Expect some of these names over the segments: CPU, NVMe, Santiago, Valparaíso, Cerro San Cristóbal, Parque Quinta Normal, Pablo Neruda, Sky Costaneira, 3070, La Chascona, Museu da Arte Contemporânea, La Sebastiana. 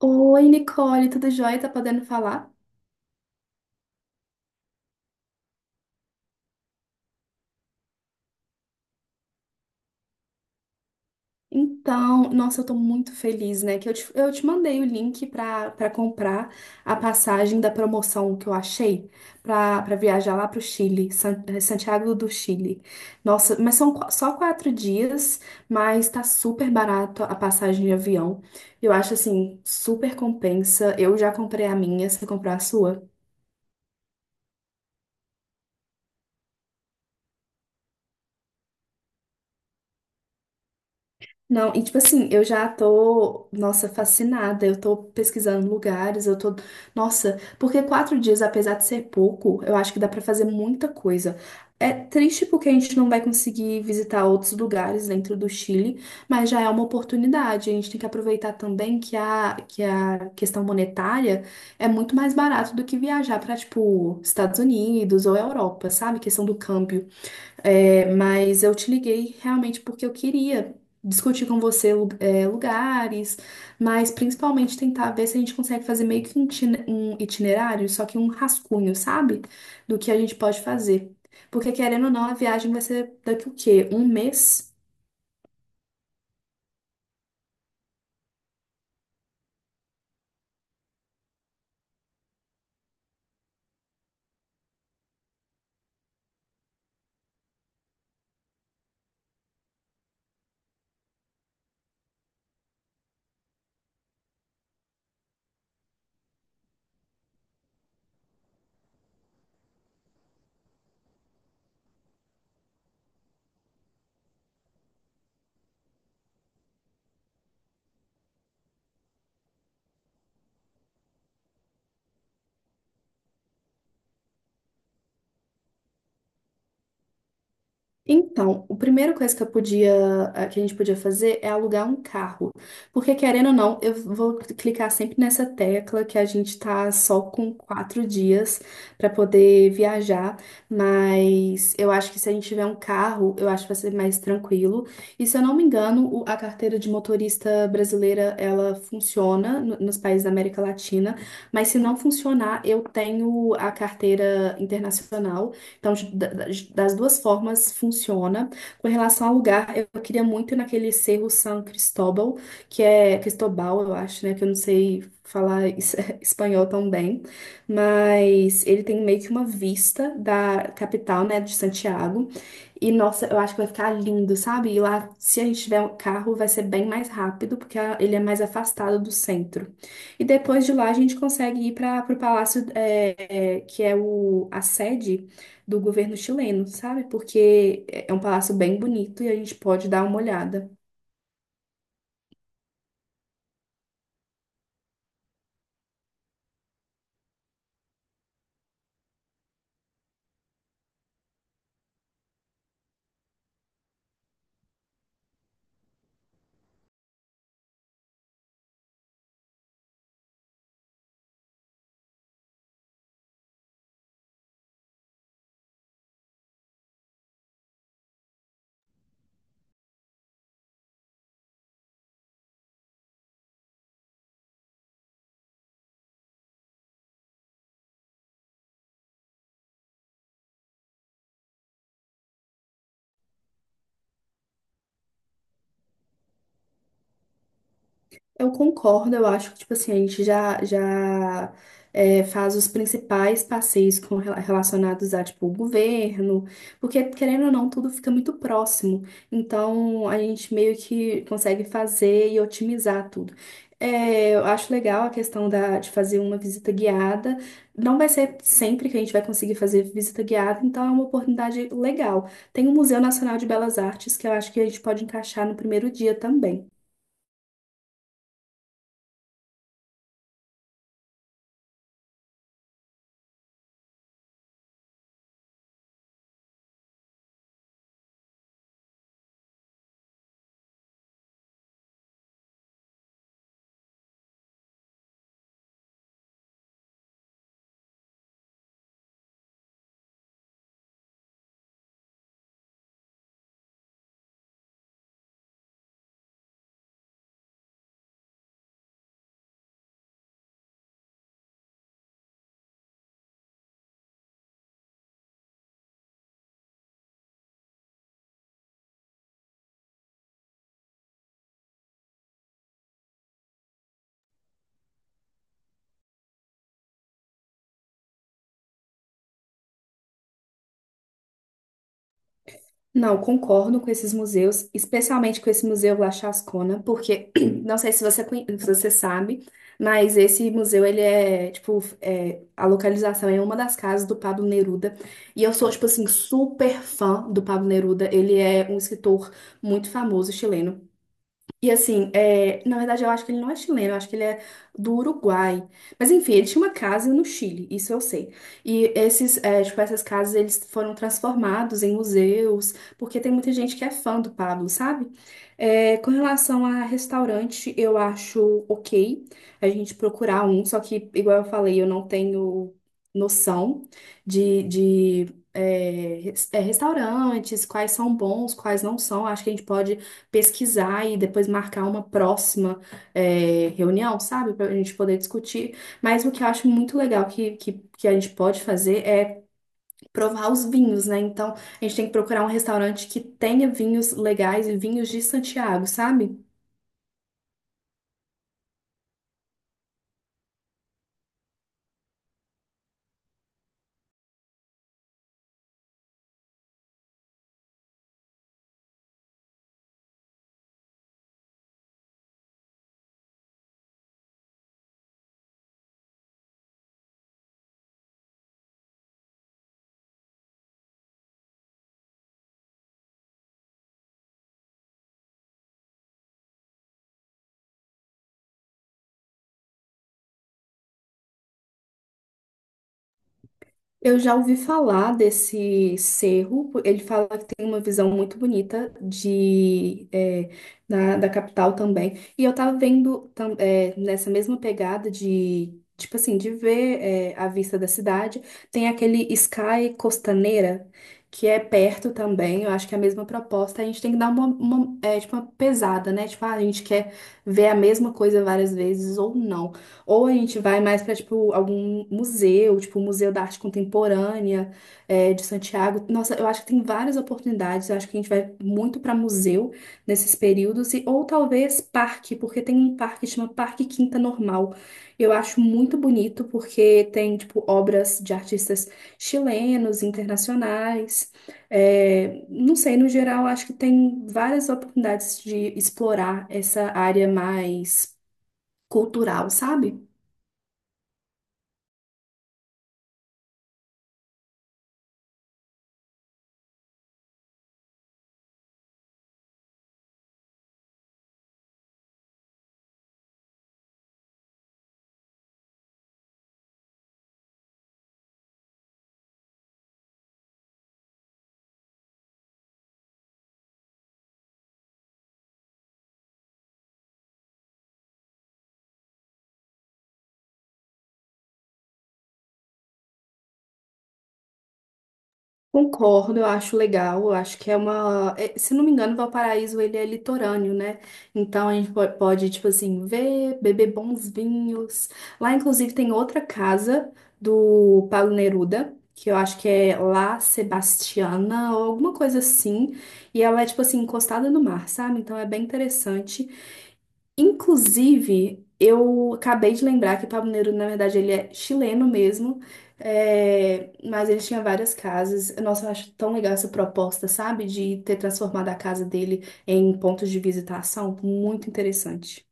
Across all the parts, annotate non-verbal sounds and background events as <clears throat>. Oi, Nicole, tudo jóia? Tá podendo falar? Então, nossa, eu tô muito feliz, né? Que eu te mandei o link pra comprar a passagem da promoção que eu achei pra viajar lá pro Chile, Santiago do Chile. Nossa, mas só quatro dias, mas tá super barato a passagem de avião. Eu acho assim, super compensa. Eu já comprei a minha, você comprou a sua? Não, e tipo assim, eu já tô, nossa, fascinada. Eu tô pesquisando lugares, eu tô, nossa, porque quatro dias, apesar de ser pouco, eu acho que dá pra fazer muita coisa. É triste porque a gente não vai conseguir visitar outros lugares dentro do Chile, mas já é uma oportunidade. A gente tem que aproveitar também que a questão monetária é muito mais barato do que viajar pra, tipo, Estados Unidos ou Europa, sabe? Questão do câmbio. É, mas eu te liguei realmente porque eu queria discutir com você lugares, mas principalmente tentar ver se a gente consegue fazer meio que um itinerário, só que um rascunho, sabe? Do que a gente pode fazer. Porque querendo ou não, a viagem vai ser daqui o quê? Um mês? Então, a primeira coisa que eu podia, que a gente podia fazer é alugar um carro. Porque, querendo ou não, eu vou clicar sempre nessa tecla que a gente tá só com quatro dias para poder viajar. Mas eu acho que se a gente tiver um carro, eu acho que vai ser mais tranquilo. E se eu não me engano, a carteira de motorista brasileira, ela funciona nos países da América Latina. Mas se não funcionar, eu tenho a carteira internacional. Então, das duas formas funciona. Com relação ao lugar, eu queria muito ir naquele Cerro San Cristóbal, que é Cristobal, eu acho, né? Que eu não sei falar <laughs> espanhol tão bem, mas ele tem meio que uma vista da capital, né, de Santiago. E nossa, eu acho que vai ficar lindo, sabe? E lá, se a gente tiver um carro, vai ser bem mais rápido, porque ele é mais afastado do centro. E depois de lá, a gente consegue ir para o palácio, que é a sede do governo chileno, sabe? Porque é um palácio bem bonito e a gente pode dar uma olhada. Eu concordo, eu acho que, tipo assim, a gente já, faz os principais passeios com, relacionados a, tipo, o governo, porque, querendo ou não, tudo fica muito próximo. Então, a gente meio que consegue fazer e otimizar tudo. É, eu acho legal a questão de fazer uma visita guiada. Não vai ser sempre que a gente vai conseguir fazer visita guiada, então é uma oportunidade legal. Tem o Museu Nacional de Belas Artes, que eu acho que a gente pode encaixar no primeiro dia também. Não, concordo com esses museus, especialmente com esse Museu La Chascona, porque <clears throat> não sei se se você sabe, mas esse museu, ele é, tipo, é, a localização é uma das casas do Pablo Neruda, e eu sou, tipo assim, super fã do Pablo Neruda, ele é um escritor muito famoso chileno. E assim, na verdade eu acho que ele não é chileno, eu acho que ele é do Uruguai. Mas enfim, ele tinha uma casa no Chile, isso eu sei. E esses, essas casas eles foram transformados em museus, porque tem muita gente que é fã do Pablo, sabe? É, com relação a restaurante, eu acho ok a gente procurar um, só que, igual eu falei, eu não tenho noção de é, res- é, restaurantes, quais são bons, quais não são. Acho que a gente pode pesquisar e depois marcar uma próxima reunião, sabe? Para a gente poder discutir. Mas o que eu acho muito legal que a gente pode fazer é provar os vinhos, né? Então, a gente tem que procurar um restaurante que tenha vinhos legais e vinhos de Santiago, sabe? Eu já ouvi falar desse cerro. Ele fala que tem uma visão muito bonita de, é, da capital também. E eu tava vendo nessa mesma pegada de, tipo assim, de ver, é, a vista da cidade. Tem aquele Sky Costaneira, que é perto também. Eu acho que é a mesma proposta. A gente tem que dar uma pesada, né? Tipo, ah, a gente quer ver a mesma coisa várias vezes ou não. Ou a gente vai mais para, tipo, algum museu, tipo, o Museu da Arte Contemporânea, é, de Santiago. Nossa, eu acho que tem várias oportunidades. Eu acho que a gente vai muito para museu nesses períodos. E, ou talvez parque, porque tem um parque que chama Parque Quinta Normal. Eu acho muito bonito, porque tem, tipo, obras de artistas chilenos, internacionais. É, não sei, no geral, acho que tem várias oportunidades de explorar essa área mais cultural, sabe? Concordo, eu acho legal, eu acho que é se não me engano, Valparaíso ele é litorâneo, né? Então a gente pode, tipo assim, ver, beber bons vinhos. Lá inclusive tem outra casa do Paulo Neruda, que eu acho que é La Sebastiana ou alguma coisa assim, e ela é tipo assim encostada no mar, sabe? Então é bem interessante. Inclusive, eu acabei de lembrar que Pablo Neruda, na verdade, ele é chileno mesmo, é, mas ele tinha várias casas. Nossa, eu acho tão legal essa proposta, sabe? De ter transformado a casa dele em pontos de visitação. Muito interessante.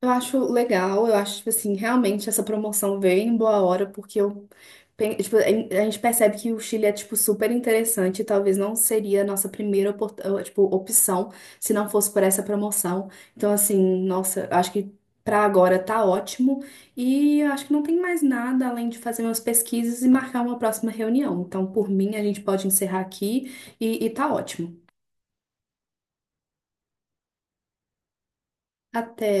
Eu acho legal, eu acho, tipo assim, realmente essa promoção veio em boa hora, porque eu, a gente percebe que o Chile é, tipo, super interessante, e talvez não seria a nossa primeira, opção se não fosse por essa promoção. Então, assim, nossa, eu acho que pra agora tá ótimo, e eu acho que não tem mais nada além de fazer umas pesquisas e marcar uma próxima reunião. Então, por mim, a gente pode encerrar aqui e tá ótimo. Até.